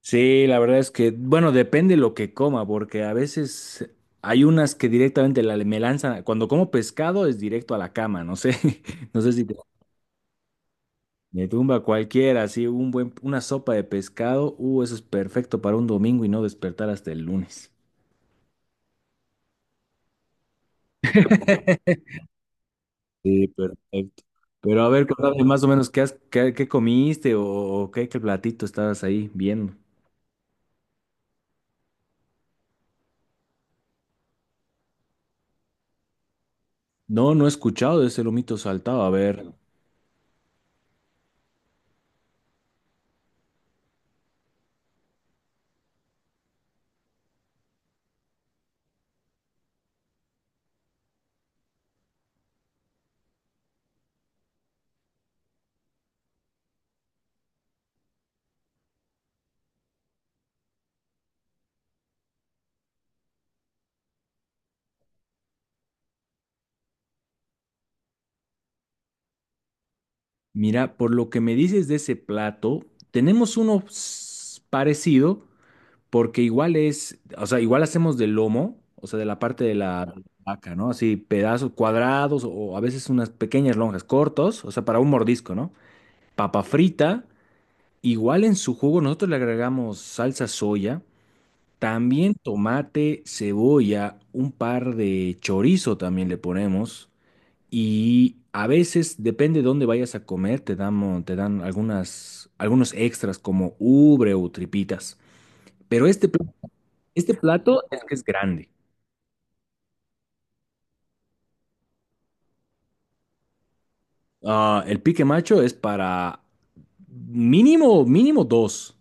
Sí, la verdad es que, bueno, depende lo que coma, porque a veces hay unas que directamente me lanzan, cuando como pescado es directo a la cama, no sé, no sé si me tumba cualquiera, así un buen, una sopa de pescado, eso es perfecto para un domingo y no despertar hasta el lunes. Sí, perfecto. Pero a ver, contame más o menos qué comiste o qué platito estabas ahí viendo. No, no he escuchado de ese lomito saltado, a ver. Mira, por lo que me dices de ese plato, tenemos parecido, porque igual es, o sea, igual hacemos de lomo, o sea, de la parte de la vaca, ¿no? Así pedazos cuadrados o a veces unas pequeñas lonjas cortos, o sea, para un mordisco, ¿no? Papa frita, igual en su jugo nosotros le agregamos salsa soya, también tomate, cebolla, un par de chorizo también le ponemos. Y a veces, depende de dónde vayas a comer, te damos, te dan algunas, algunos extras como ubre o tripitas. Pero este plato es que es grande. Ah, el pique macho es para mínimo, mínimo dos.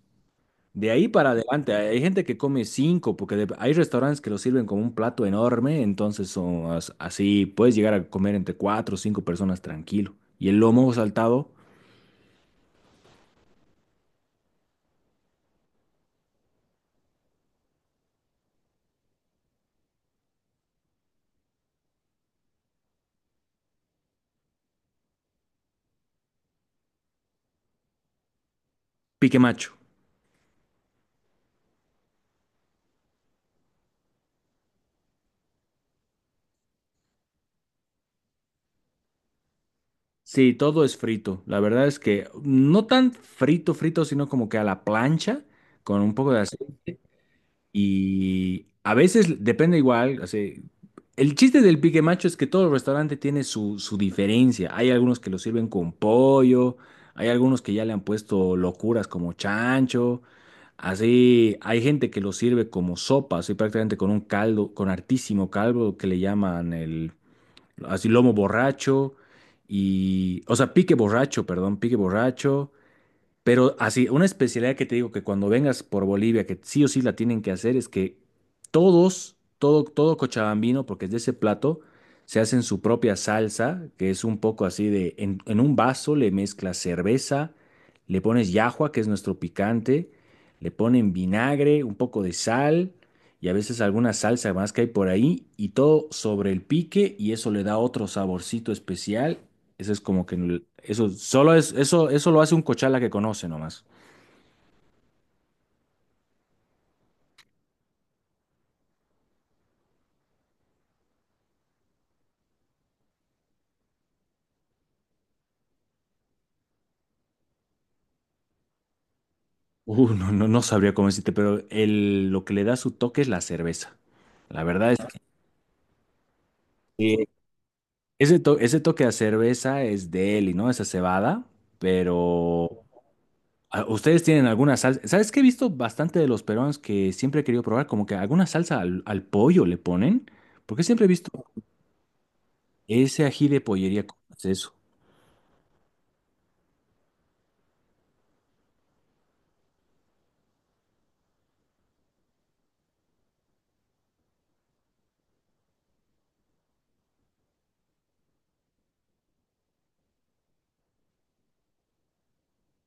De ahí para adelante, hay gente que come cinco, porque hay restaurantes que lo sirven como un plato enorme, entonces son así, puedes llegar a comer entre cuatro o cinco personas tranquilo. Y el lomo saltado, pique macho. Sí, todo es frito. La verdad es que no tan frito, frito, sino como que a la plancha con un poco de aceite. Y a veces depende igual, así, el chiste del pique macho es que todo restaurante tiene su diferencia. Hay algunos que lo sirven con pollo, hay algunos que ya le han puesto locuras como chancho. Así, hay gente que lo sirve como sopa, así prácticamente con un caldo, con hartísimo caldo que le llaman el así lomo borracho y, o sea, pique borracho, perdón, pique borracho, pero así, una especialidad que te digo que cuando vengas por Bolivia, que sí o sí la tienen que hacer, es que todo cochabambino, porque es de ese plato, se hacen su propia salsa, que es un poco así en un vaso le mezclas cerveza, le pones llajua, que es nuestro picante, le ponen vinagre, un poco de sal y a veces alguna salsa más que hay por ahí, y todo sobre el pique, y eso le da otro saborcito especial. Eso es como que eso solo es eso lo hace un cochala que conoce nomás. No, no sabría cómo decirte, pero lo que le da su toque es la cerveza. La verdad es que ese, ese toque a cerveza es de él y no esa cebada, pero ah, ustedes tienen alguna salsa. ¿Sabes qué he visto bastante de los peruanos que siempre he querido probar? Como que alguna salsa al pollo le ponen, porque siempre he visto ese ají de pollería. ¿Cómo es eso?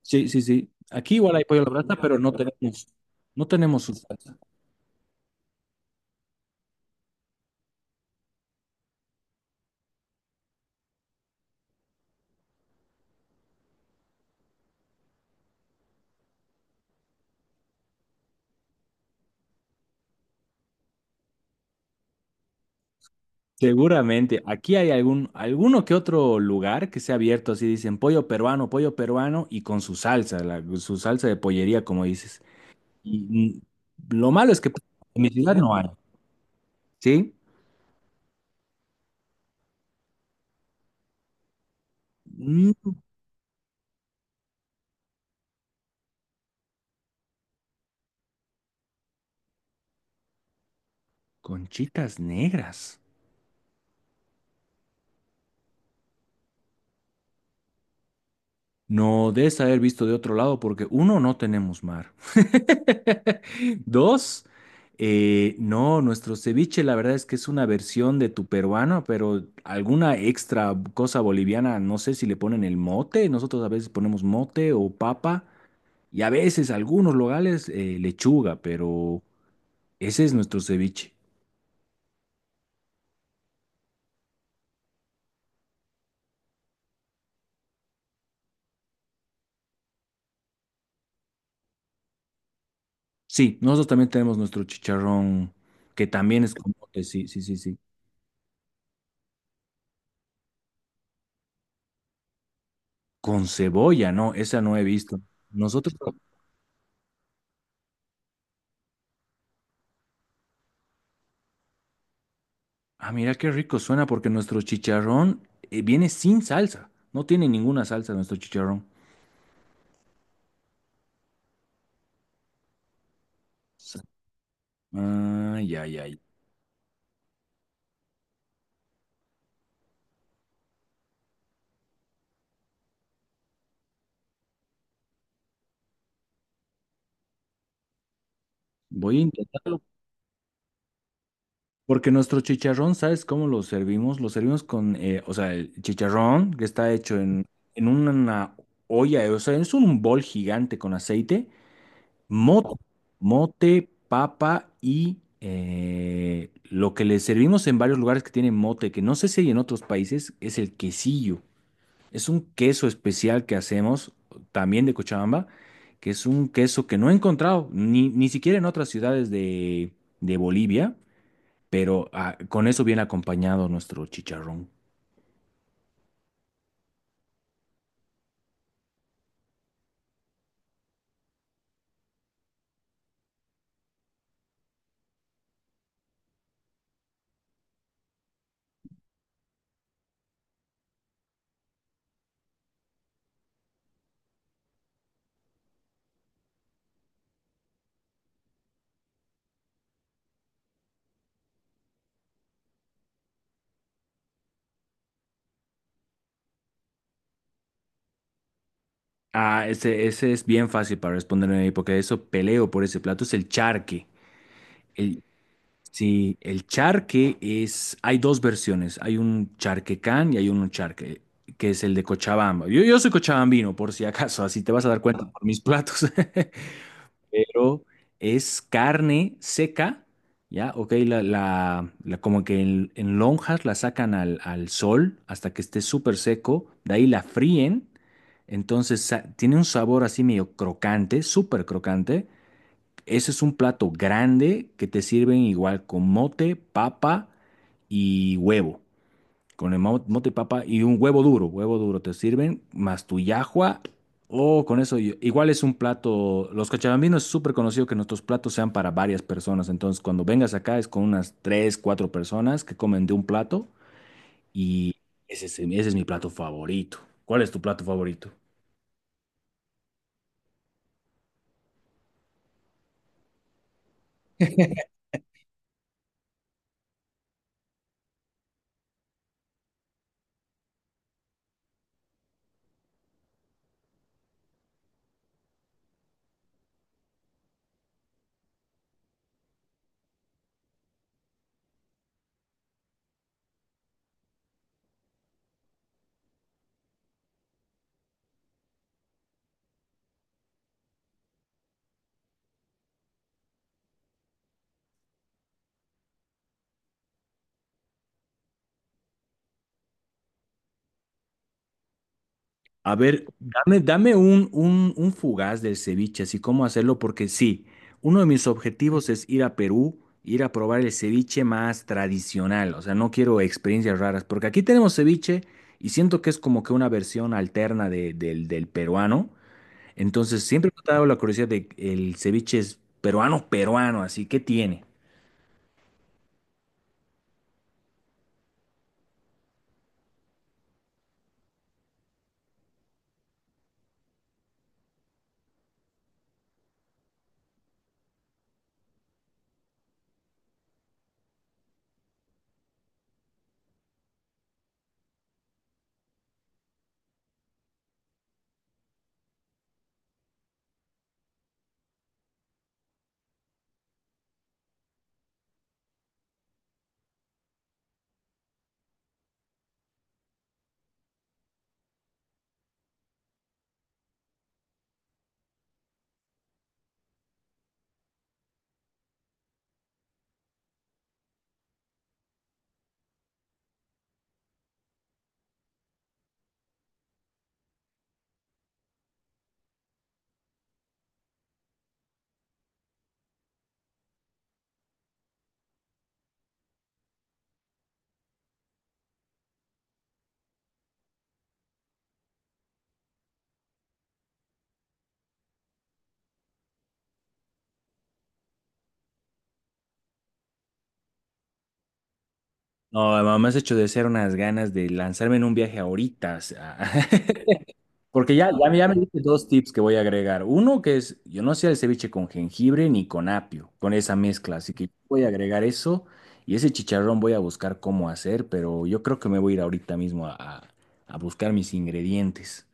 Sí, sí, sí. Aquí igual hay pollo a la brasa, pero no tenemos su salsa. Seguramente, aquí hay algún, alguno que otro lugar que sea abierto, así dicen pollo peruano y con su salsa, su salsa de pollería, como dices. Y mm, lo malo es que pues, en mi ciudad no hay, ¿sí? Mm, conchitas negras. No des haber visto de otro lado porque uno, no tenemos mar. Dos, no, nuestro ceviche la verdad es que es una versión de tu peruano, pero alguna extra cosa boliviana, no sé si le ponen el mote, nosotros a veces ponemos mote o papa y a veces algunos locales lechuga, pero ese es nuestro ceviche. Sí, nosotros también tenemos nuestro chicharrón que también es con mote, sí, sí, sí, sí. Con cebolla, no, esa no he visto. Nosotros... Ah, mira qué rico suena porque nuestro chicharrón viene sin salsa. No tiene ninguna salsa nuestro chicharrón. Sí. Ay, ay, ay. Voy a intentarlo. Porque nuestro chicharrón, ¿sabes cómo lo servimos? Lo servimos con, o sea, el chicharrón que está hecho en una olla, o sea, es un bol gigante con aceite, mote, papa y lo que le servimos en varios lugares que tienen mote, que no sé si hay en otros países, es el quesillo. Es un queso especial que hacemos también de Cochabamba, que es un queso que no he encontrado ni, ni siquiera en otras ciudades de Bolivia, pero ah, con eso viene acompañado nuestro chicharrón. Ah, ese es bien fácil para responderme porque eso peleo por ese plato, es el charque. El, sí, el charque es, hay dos versiones, hay un charquecán y hay un charque, que es el de Cochabamba. Yo soy cochabambino, por si acaso, así te vas a dar cuenta por mis platos. Pero es carne seca, ¿ya? Ok, como que en lonjas la sacan al sol hasta que esté súper seco, de ahí la fríen, entonces tiene un sabor así medio crocante, súper crocante. Ese es un plato grande que te sirven igual con mote, papa y huevo. Con el mote, papa y un huevo duro te sirven, más tu yahua. Oh, con eso, igual es un plato. Los cochabambinos es súper conocido que nuestros platos sean para varias personas. Entonces, cuando vengas acá es con unas tres, cuatro personas que comen de un plato y ese es mi plato favorito. ¿Cuál es tu plato favorito? A ver, dame un fugaz del ceviche, así cómo hacerlo, porque sí, uno de mis objetivos es ir a Perú, ir a probar el ceviche más tradicional, o sea, no quiero experiencias raras, porque aquí tenemos ceviche y siento que es como que una versión alterna del peruano, entonces siempre me ha dado la curiosidad de el ceviche es peruano, peruano, así, ¿qué tiene? No, mamá, me has hecho de ser unas ganas de lanzarme en un viaje ahorita, o sea, Porque ya me diste dos tips que voy a agregar. Uno que es, yo no hacía el ceviche con jengibre ni con apio, con esa mezcla. Así que voy a agregar eso y ese chicharrón voy a buscar cómo hacer, pero yo creo que me voy a ir ahorita mismo a buscar mis ingredientes.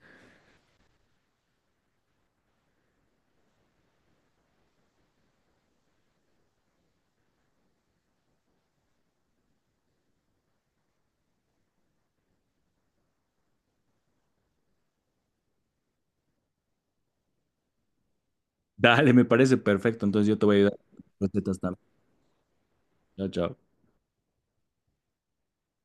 Dale, me parece perfecto. Entonces yo te voy a ayudar con las recetas también. Chao, chao.